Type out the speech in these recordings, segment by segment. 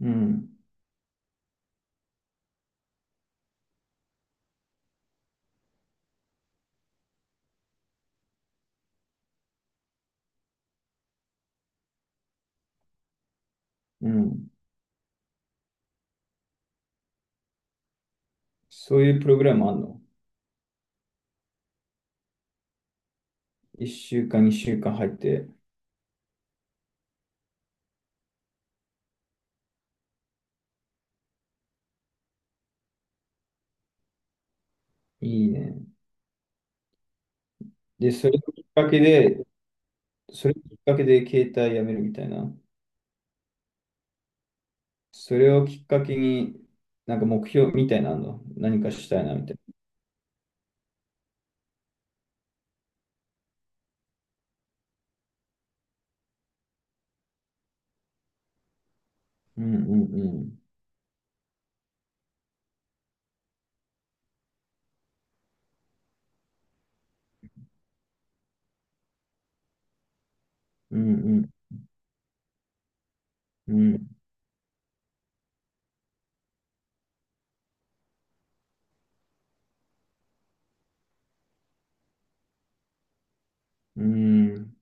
うん、うん。そういうプログラムあんの？ 1 週間、2週間入って、いいね。で、それをきっかけで携帯やめるみたいな。それをきっかけに、なんか目標みたいなのあんの、何かしたいなみたいな。うん、うん、うん。うん、うん、うん。うん。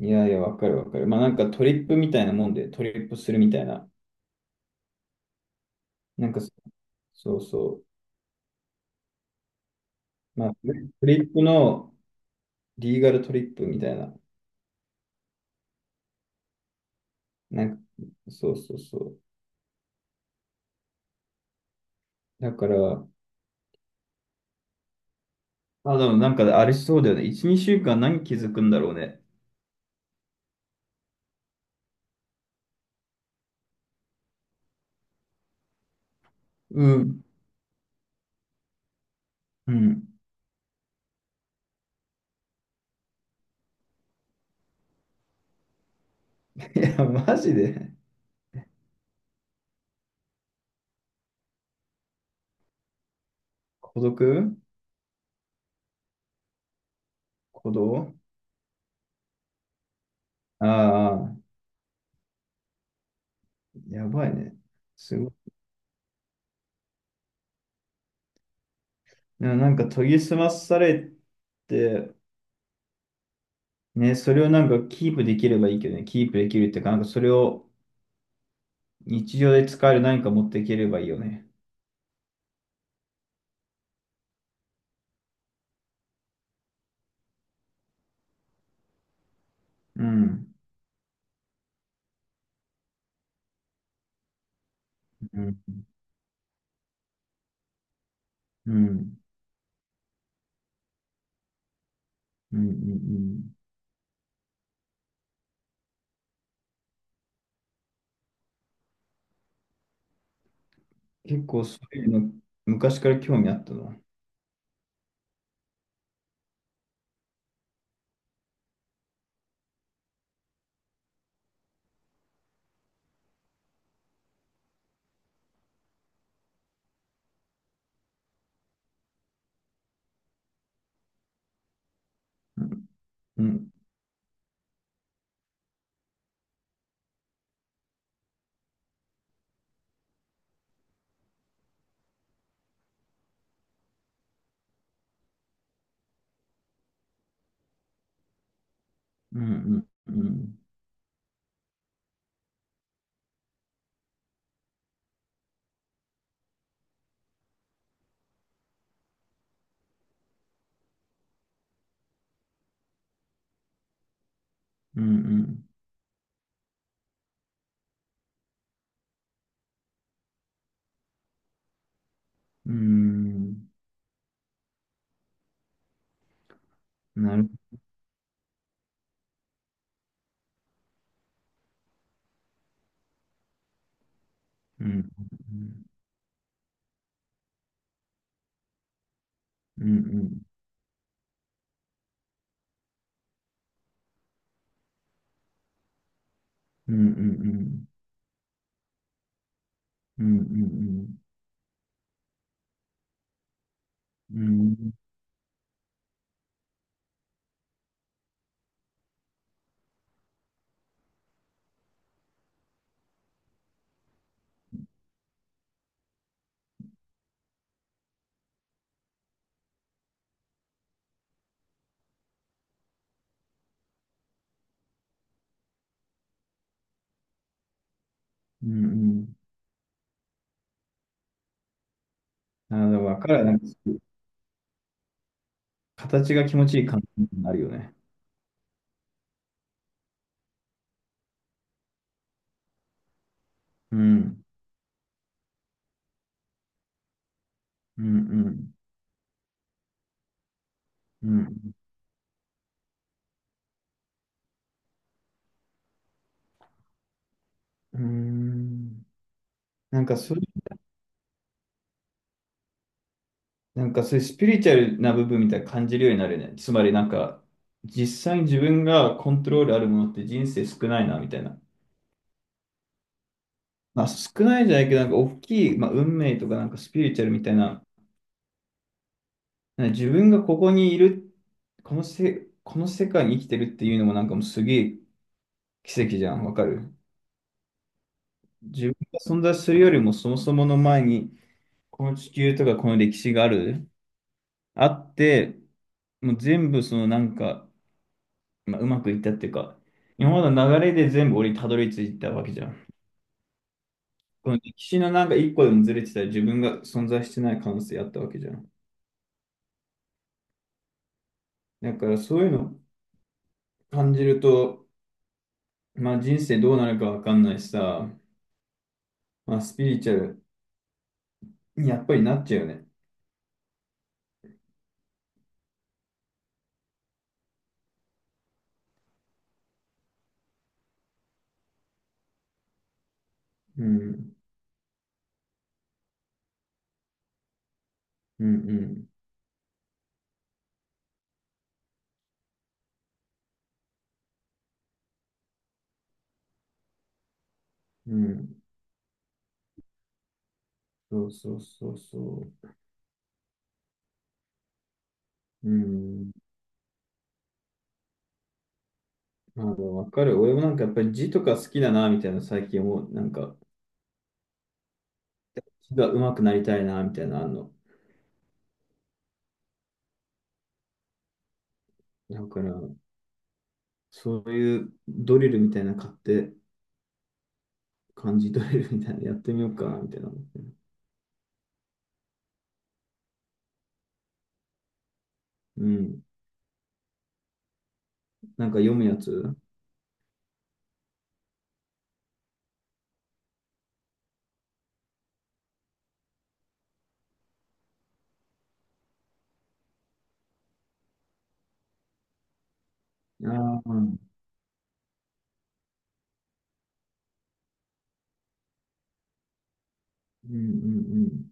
いやいや、わかるわかる。まあなんかトリップみたいなもんで、トリップするみたいな。なんかそうそう。まあ、トリップのリーガルトリップみたいな。なんか、そうそうそう。だから、あ、でもなんかあれしそうだよね。1、2週間何気づくんだろうね。うん。うん。いや、マジで孤独。孤独。ああ、やばいね。すごい。でもなんか研ぎ澄まされて、ね、それをなんかキープできればいいけどね。キープできるっていうか、なんかそれを日常で使える何か持っていければいいよね。うん。うん。うん。うん。うん。うん、結構そういうの昔から興味あったな。うん。うん。うん。うん。うん。うん。うん。なるうん。うん。うん。うん。うん。うん。うん。うん。うん。あ、だから彼はなんか形が気持ちいい感じになるよね。うん。うん。うん。うん。なんかそう、なんかそういうスピリチュアルな部分みたいな感じるようになるね。つまりなんか実際に自分がコントロールあるものって人生少ないなみたいな。まあ、少ないじゃないけど、なんか大きい、まあ、運命とかなんかスピリチュアルみたいな、なんか自分がここにいる、この世界に生きてるっていうのもなんかもうすげえ奇跡じゃん、わかる。自分が存在するよりもそもそもの前に、この地球とかこの歴史がある、あって、もう全部そのなんか、まあ、うまくいったっていうか、今までの流れで全部俺にたどり着いたわけじゃん。この歴史のなんか一個でもずれてたら自分が存在してない可能性あったわけじゃん。だからそういうの感じると、まあ人生どうなるかわかんないしさ、まあスピリチュアルにやっぱりなっちゃうよね。うん、うん、うん、うん。そうそうそうそう。うん。まあでもわかる。俺もなんかやっぱり字とか好きだな、みたいな最近思う。なんか字が上手くなりたいな、みたいなのあんの。だから、そういうドリルみたいなの買って、漢字ドリルみたいなのやってみようかな、みたいな思ってる。うん。なんか読むやつ。ああー、うん。うん、うん。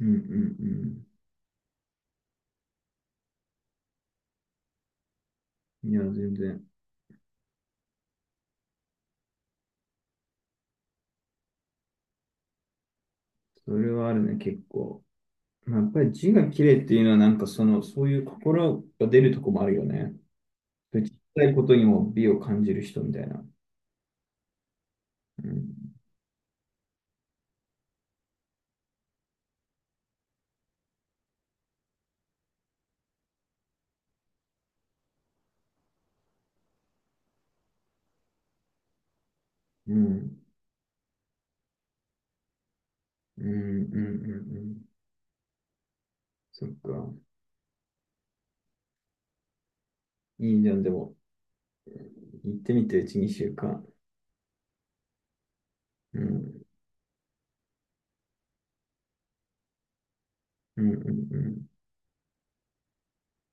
うん、うん、うん。いや、全然。それはあるね、結構。まあやっぱり字が綺麗っていうのは、なんかその、そういう心が出るとこもあるよね。そういう小さいことにも美を感じる人みたいな。うん。うん。うん。うん。うん、うん。そっか。いいじゃん、でも。行ってみて、うち2週間。うん。うん。うん。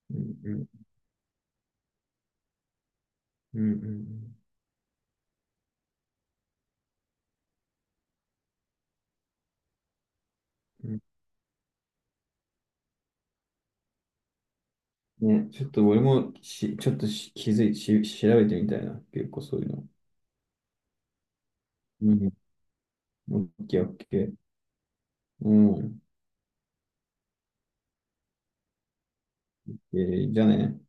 うん。うん。うん。うん、うん。ね、ちょっと俺もし、ちょっとし気づい、し、調べてみたいな。結構そういうの。うん。オッケー、オッケー。うん。えじゃあね。